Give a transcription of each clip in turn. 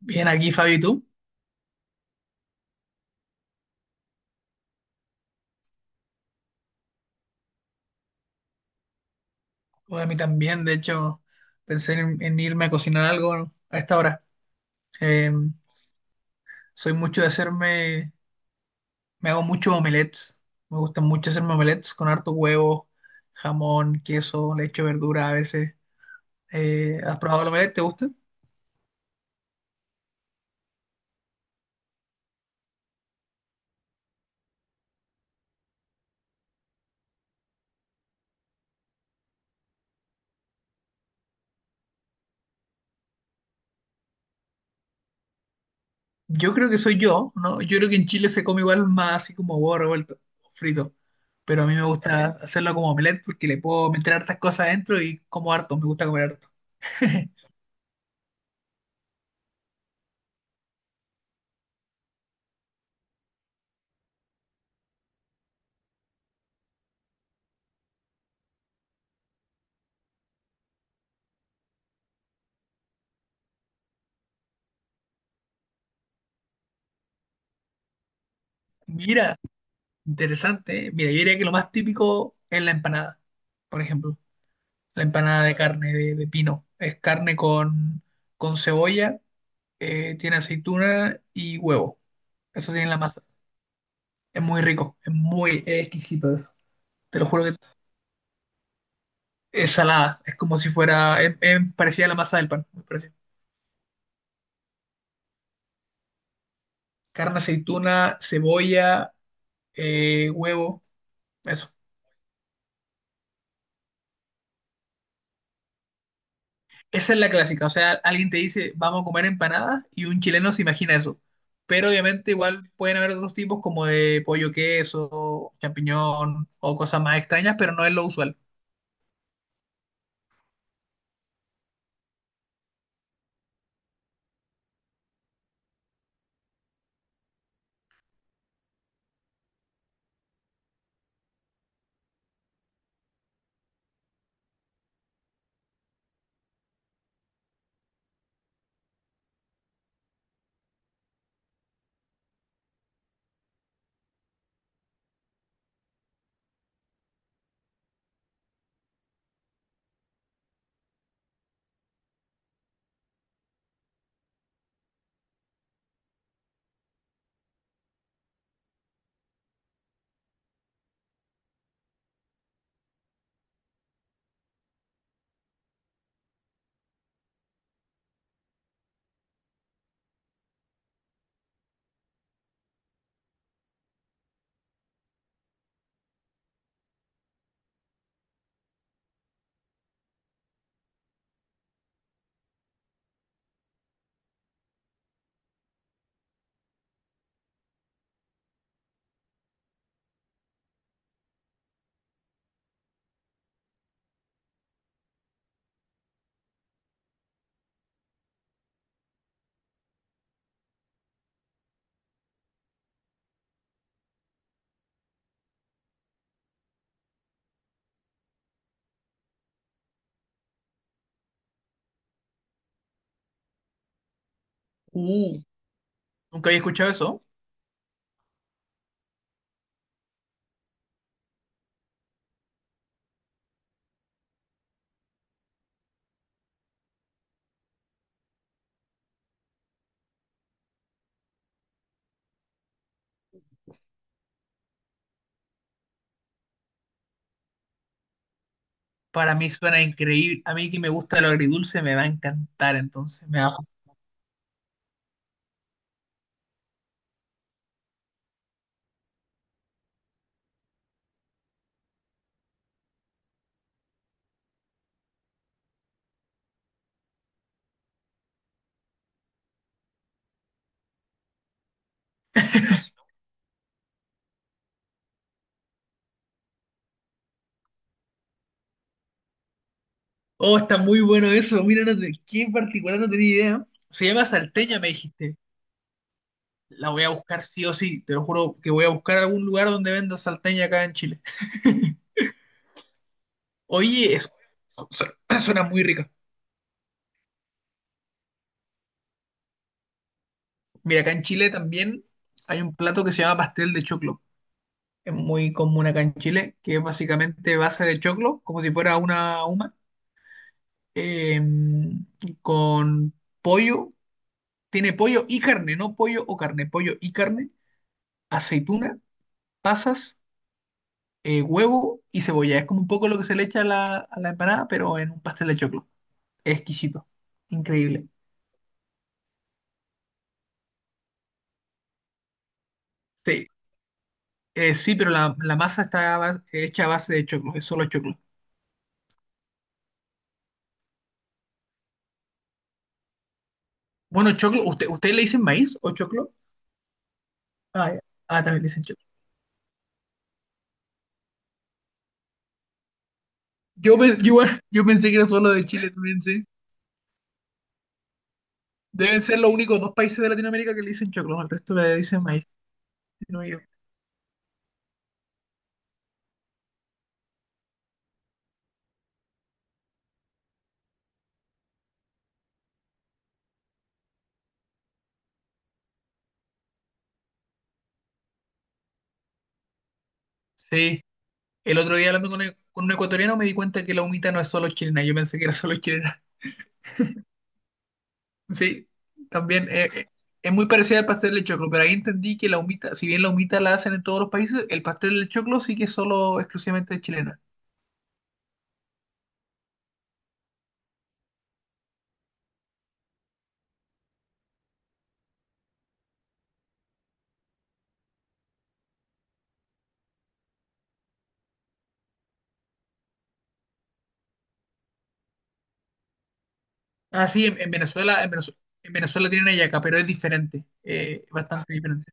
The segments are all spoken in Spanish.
Bien aquí, Fabi, ¿y tú? Pues a mí también, de hecho, pensé en irme a cocinar algo a esta hora. Eh, soy mucho de hacerme, me hago muchos omelets. Me gustan mucho hacerme omelets con harto huevo, jamón, queso, le echo verdura a veces. ¿Has probado el omelette? ¿Te gusta? Yo creo que soy yo, ¿no? Yo creo que en Chile se come igual más así como huevo revuelto, frito. Pero a mí me gusta hacerlo como omelette porque le puedo meter hartas cosas adentro y como harto, me gusta comer harto. Mira, interesante, ¿eh? Mira, yo diría que lo más típico es la empanada, por ejemplo. La empanada de carne de pino. Es carne con cebolla, tiene aceituna y huevo. Eso tiene la masa. Es muy rico, es exquisito eso. Te lo juro que es salada. Es como si fuera, es parecida a la masa del pan. Muy parecida. Carne, aceituna, cebolla, huevo. Eso. Esa es la clásica, o sea, alguien te dice, vamos a comer empanadas y un chileno se imagina eso. Pero obviamente igual pueden haber otros tipos como de pollo queso, champiñón o cosas más extrañas, pero no es lo usual. Uh, nunca había escuchado eso. Para mí suena increíble. A mí que me gusta lo agridulce me va a encantar, entonces me va a fascinar. Oh, está muy bueno eso. Mira, no te- qué en particular no tenía idea. Se llama salteña, me dijiste. La voy a buscar sí o sí. Te lo juro que voy a buscar algún lugar donde venda salteña acá en Chile. Oye, su- suena muy rica. Mira, acá en Chile también hay un plato que se llama pastel de choclo. Es muy común acá en Chile, que es básicamente base de choclo, como si fuera una huma, eh, con pollo. Tiene pollo y carne, no pollo o carne, pollo y carne, aceituna, pasas, huevo y cebolla. Es como un poco lo que se le echa a la empanada, pero en un pastel de choclo. Es exquisito, increíble. Sí, sí, pero la masa está hecha a base de choclo, es solo choclo. Bueno, choclo, ¿ustedes le dicen maíz o choclo? Ah, ya. Ah, también le dicen choclo. Yo, pe- yo, igual- yo pensé que era solo de Chile también, sí. Deben ser los únicos dos países de Latinoamérica que le dicen choclo, al resto le dicen maíz. Si No yo. Sí, el otro día hablando con un ecuatoriano me di cuenta que la humita no es solo chilena, yo pensé que era solo chilena. Sí, también es muy parecida al pastel de choclo, pero ahí entendí que la humita, si bien la humita la hacen en todos los países, el pastel de choclo sí que es solo exclusivamente chilena. Ah, sí, en Venezuela tienen hallaca, pero es diferente, bastante diferente.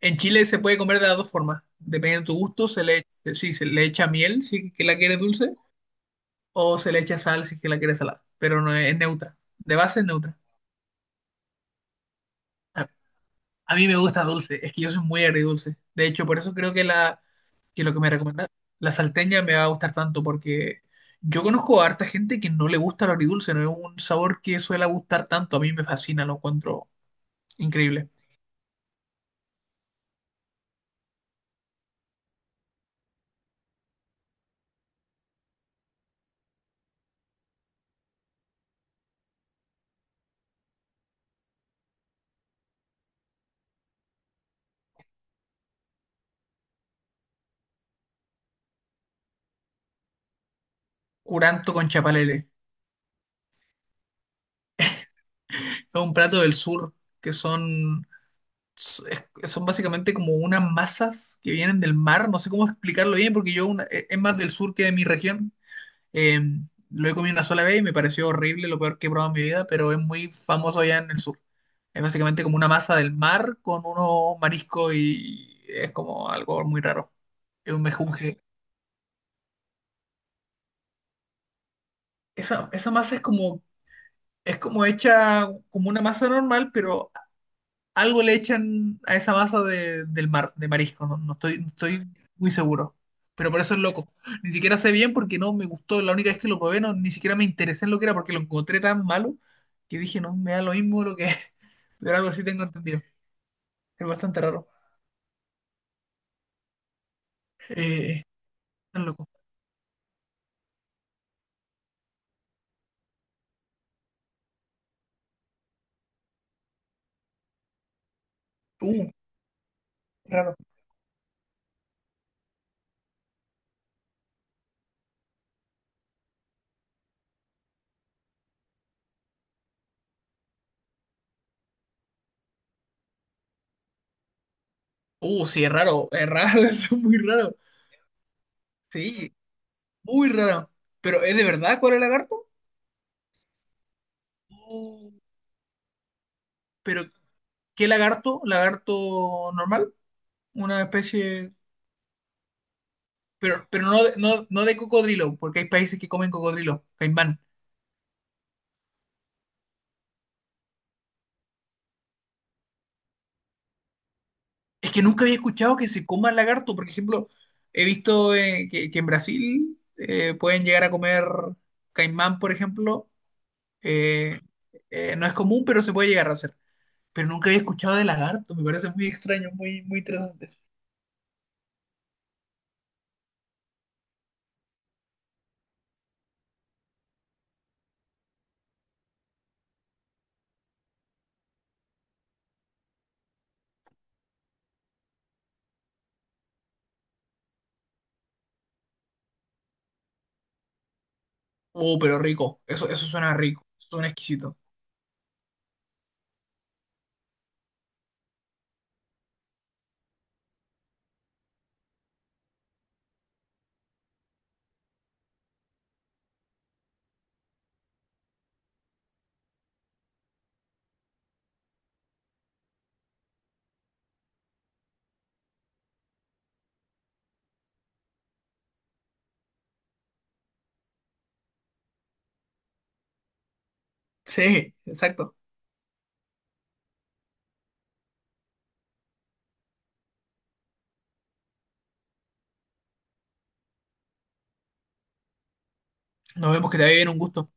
En Chile se puede comer de las dos formas, dependiendo de tu gusto, sí, se le echa miel si que la quieres dulce, o se le echa sal si que la quieres salada, pero no es, es neutra, de base es neutra. A, a mí me gusta dulce, es que yo soy muy agridulce, de hecho, por eso creo que que lo que me recomienda la salteña me va a gustar tanto, porque yo conozco a harta gente que no le gusta lo agridulce, no es un sabor que suele gustar tanto, a mí me fascina, lo encuentro increíble. Curanto con chapalele. Es un plato del sur que son, es- son básicamente como unas masas que vienen del mar. No sé cómo explicarlo bien porque es más del sur que de mi región. Eh, lo he comido una sola vez y me pareció horrible, lo peor que he probado en mi vida, pero es muy famoso allá en el sur. Es básicamente como una masa del mar con unos mariscos y es como algo muy raro. Es un mejunje. Esa masa es como hecha como una masa normal, pero algo le echan a esa masa del mar, de marisco, no estoy muy seguro. Pero por eso es loco. Ni siquiera sé bien porque no me gustó. La única vez que lo probé, no, ni siquiera me interesé en lo que era porque lo encontré tan malo que dije, no, me da lo mismo lo que es. Pero algo así tengo entendido. Es bastante raro. Eh, tan loco. Uh, raro. Sí, es raro. Es raro, eso es muy raro. Sí, muy raro. Pero ¿es de verdad cuál es el lagarto? Uh, pero ¿qué lagarto? ¿Lagarto normal? ¿Una especie? No de cocodrilo, porque hay países que comen cocodrilo, caimán. Es que nunca había escuchado que se coma lagarto. Por ejemplo, he visto que en Brasil pueden llegar a comer caimán, por ejemplo. Eh, no es común, pero se puede llegar a hacer. Pero nunca había escuchado de lagarto. Me parece muy extraño, muy, muy interesante. Oh, pero rico. Eso suena rico. Suena exquisito. Sí, exacto. Nos vemos, que te vaya bien, un gusto.